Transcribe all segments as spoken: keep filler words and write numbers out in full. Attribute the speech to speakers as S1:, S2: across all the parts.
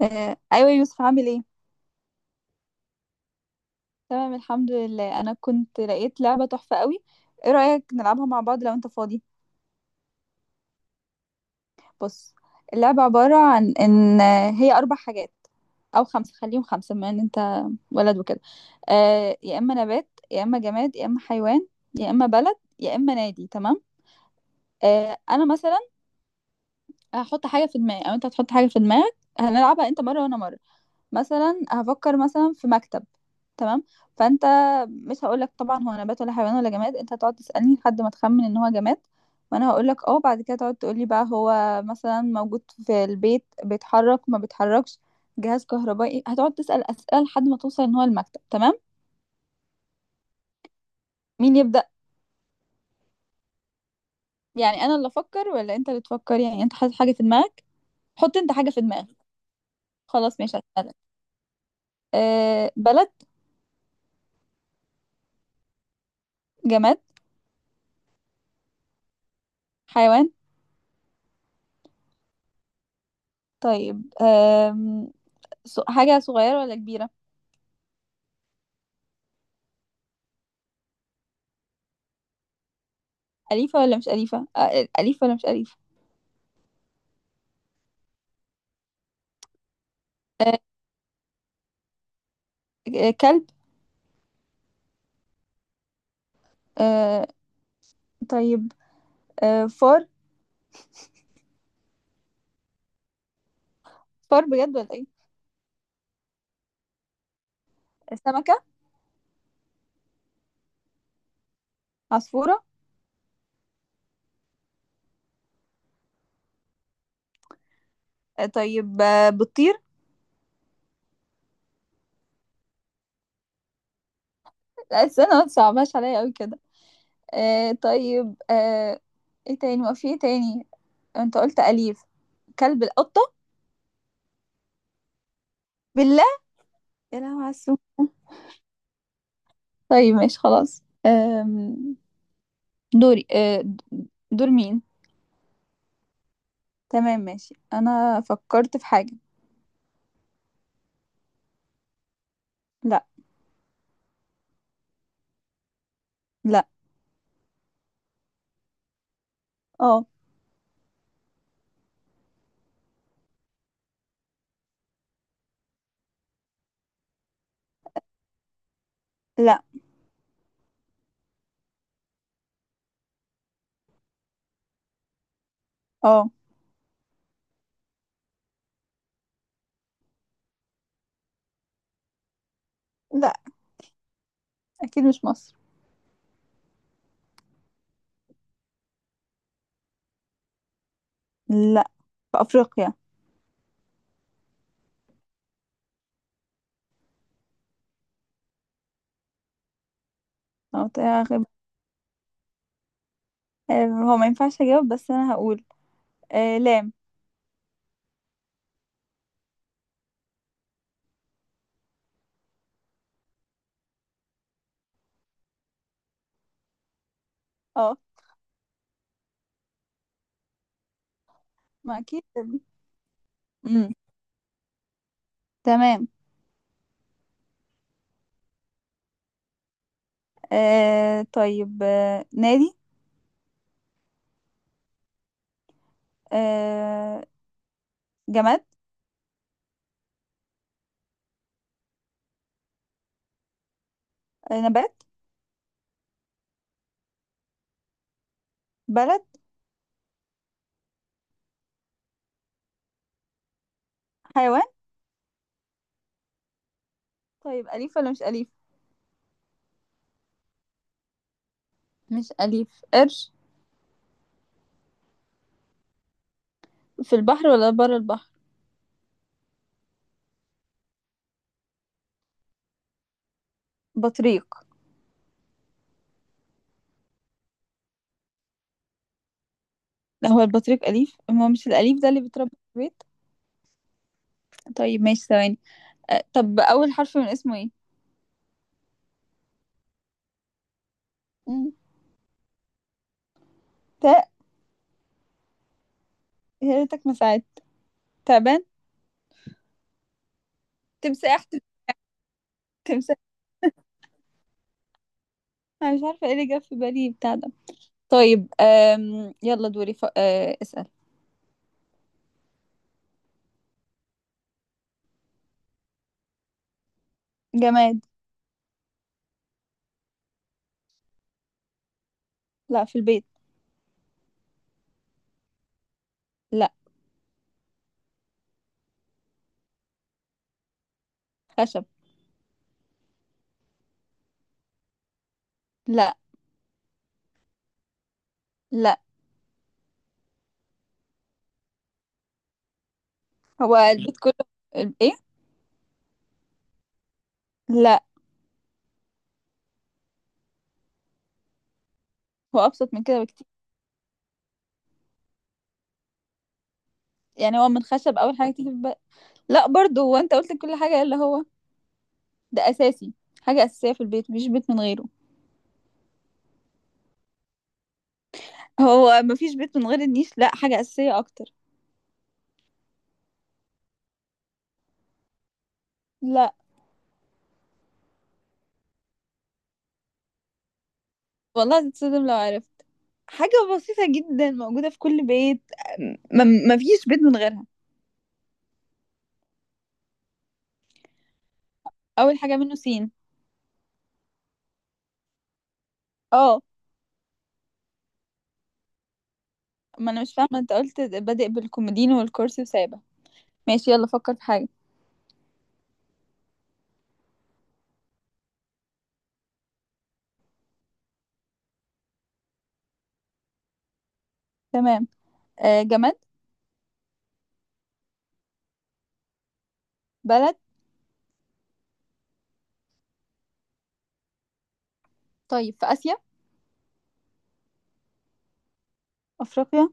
S1: آه، ايوه يوسف، عامل ايه؟ تمام الحمد لله. انا كنت لقيت لعبه تحفه قوي. ايه رايك نلعبها مع بعض لو انت فاضي؟ بص، اللعبه عباره عن ان آه، هي اربع حاجات او خمسه، خليهم خمسه بما ان انت ولد وكده. آه يا اما نبات يا اما جماد يا اما حيوان يا اما بلد يا اما نادي. تمام. آه انا مثلا هحط حاجه في دماغي او انت هتحط حاجه في دماغك، هنلعبها انت مره وانا مره. مثلا هفكر مثلا في مكتب. تمام. فانت مش هقولك طبعا هو نبات ولا حيوان ولا جماد، انت هتقعد تسألني لحد ما تخمن ان هو جماد وانا هقولك اه. بعد كده تقعد تقولي بقى هو مثلا موجود في البيت، بيتحرك ما بيتحركش، جهاز كهربائي. هتقعد تسأل أسئلة لحد ما توصل ان هو المكتب. تمام. مين يبدأ؟ يعني انا اللي افكر ولا انت اللي تفكر؟ يعني انت حاطط حاجة في دماغك؟ حط انت حاجة في دماغك. خلاص ماشي، هسألك. أه بلد؟ جماد؟ حيوان؟ طيب. أه ص- حاجة صغيرة ولا كبيرة؟ أليفة ولا مش أليفة؟ آه، أليفة ولا مش أليفة؟ آه، آه، كلب؟ آه، طيب. آه، فار؟ فار بجد ولا إيه؟ سمكة؟ عصفورة؟ آه، طيب. آه، بتطير؟ لا استنى، ما تصعبهاش عليا أوي كده. آه، طيب. آه، إيه تاني؟ ما في إيه تاني. أنت قلت أليف. كلب؟ القطة؟ بالله! يا لهوي على السوق. طيب ماشي خلاص. أم، دوري. أه، د- دور مين؟ تمام ماشي، انا فكرت في حاجة. لا. لا. اه. لا. اه. لا، اكيد مش مصر. لا، في افريقيا. أو تاخد- آه، هو ما ينفعش اجاوب بس انا هقول. آه لام. اه. ما اكيد. امم تمام. آه طيب. آه نادي؟ آه جماد؟ آه نبات؟ بلد؟ حيوان؟ طيب، اليف ولا مش اليف؟ مش اليف. قرش؟ في البحر ولا بره البحر؟ بطريق؟ لا، هو البطريق اليف، ما هو مش الاليف ده اللي بيتربى في البيت. طيب ماشي، ثواني. آه طب اول حرف من اسمه ايه؟ مم. تاء. يا ريتك ما ساعدت. تعبان؟ تمساح؟ تمساح. انا مش عارفه ايه اللي جاب في بالي بتاع ده. طيب. أم... يلا دوري. ف... أه... اسأل. جماد. لا، في البيت. لا. خشب. لا. لا. هو البيت كله. ال- ايه؟ لا. هو ابسط من كده بكتير. يعني هو من خشب، اول حاجه تيجي في بالي. لا برضه. هو انت قلت كل حاجه الا هو. ده اساسي. حاجه اساسيه في البيت، مفيش بيت من غيره. هو مفيش بيت من غير النيش؟ لا، حاجه اساسيه اكتر. لا. والله هتتصدم لو عرفت. حاجة بسيطة جدا موجودة في كل بيت، ما ما فيش بيت من غيرها. أول حاجة منه سين. اه. ما أنا مش فاهمة، أنت قلت بادئ بالكومودينو والكرسي وسابة. ماشي يلا، فكر في حاجة. تمام. آه جماد؟ بلد؟ طيب، في آسيا؟ أفريقيا؟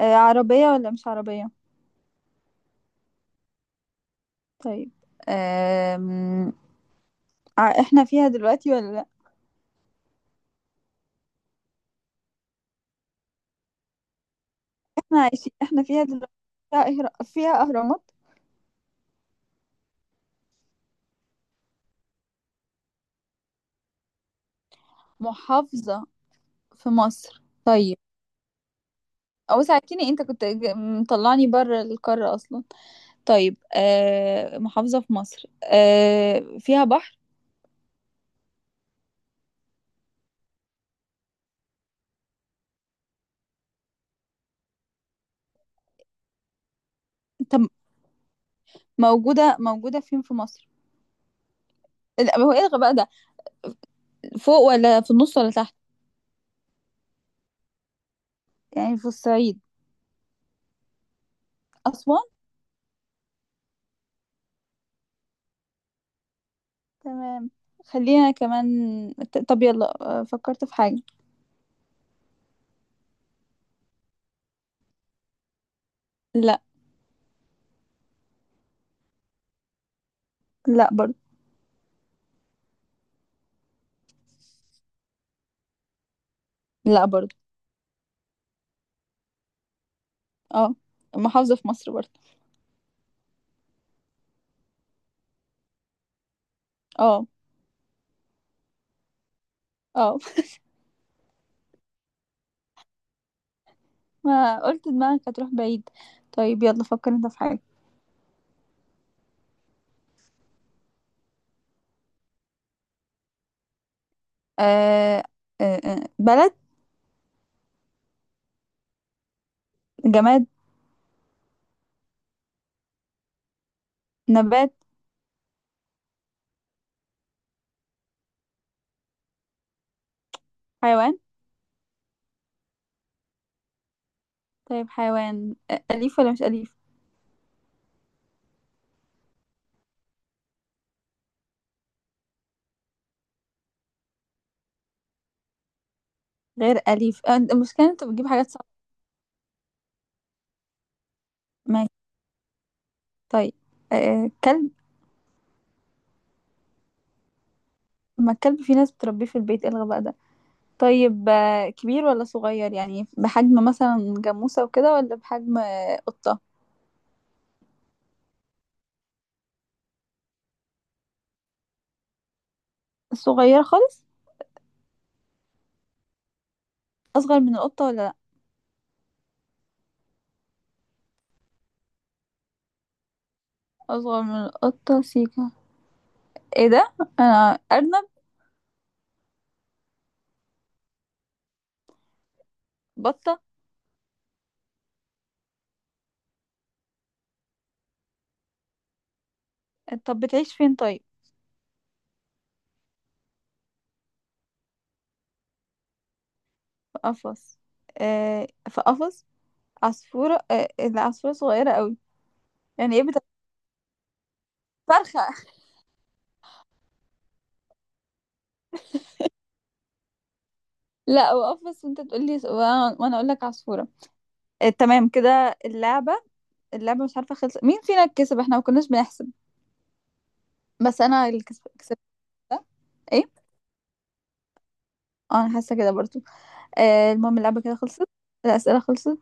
S1: آه عربية ولا مش عربية؟ طيب. آم... ع- احنا فيها دلوقتي ولا لأ؟ احنا عايشين، احنا فيها دلوقتي. فيها إهرا- فيها أهرامات. محافظة في مصر؟ طيب. أو ساعتيني، أنت كنت ج- مطلعني بره القارة أصلا. طيب، آه محافظة في مصر، آه فيها بحر؟ طب موجودة موجودة فين في مصر؟ لا، هو الغى بقى ده. فوق ولا في النص ولا تحت؟ يعني في الصعيد؟ أسوان؟ تمام. خلينا كمان. ت- طب يلا. آه، فكرت في حاجة. لا. لا برضه. لا برضه. اه. محافظة في مصر برضه؟ اه. اه. ما قلت دماغك هتروح بعيد. طيب يلا، فكر انت في حاجة. آه آه آه، بلد؟ جماد؟ نبات؟ حيوان؟ طيب حيوان، أ- أليف ولا مش أليف؟ غير أليف. آه، المشكلة إن أنت بتجيب حاجات صعبة. ماشي. طيب. آه كلب؟ ما الكلب في ناس بتربيه في البيت، إيه الغباء ده؟ طيب، آه كبير ولا صغير؟ يعني بحجم مثلا جاموسة وكده ولا بحجم آه قطة؟ صغيرة خالص؟ أصغر من القطة ولا لأ؟ أصغر من القطة سيكا. إيه ده؟ أنا، أرنب؟ بطة؟ طب بتعيش فين طيب؟ في قفص؟ آه في قفص. عصفورة؟ آه العصفورة صغيرة قوي. يعني إيه بتبقى؟ فرخة؟ لا وقف، بس انت تقول لي وانا وأنا اقول لك عصفورة. آه، تمام، كده اللعبة. اللعبة مش عارفة خلص مين فينا كسب، احنا ما كناش بنحسب، بس انا اللي كسب كسبت. ده ايه؟ اه، انا حاسة كده برضو. آه المهم، اللعبة كده خلصت. الأسئلة خلصت.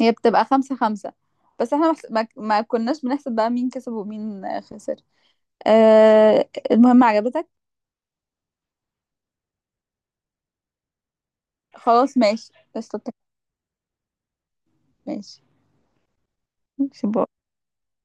S1: هي بتبقى خمسة خمسة، بس احنا محس- ما, ما كناش بنحسب بقى مين كسب ومين آه، خسر. آه المهم، عجبتك؟ خلاص ماشي قشطة. ماشي. ماشي.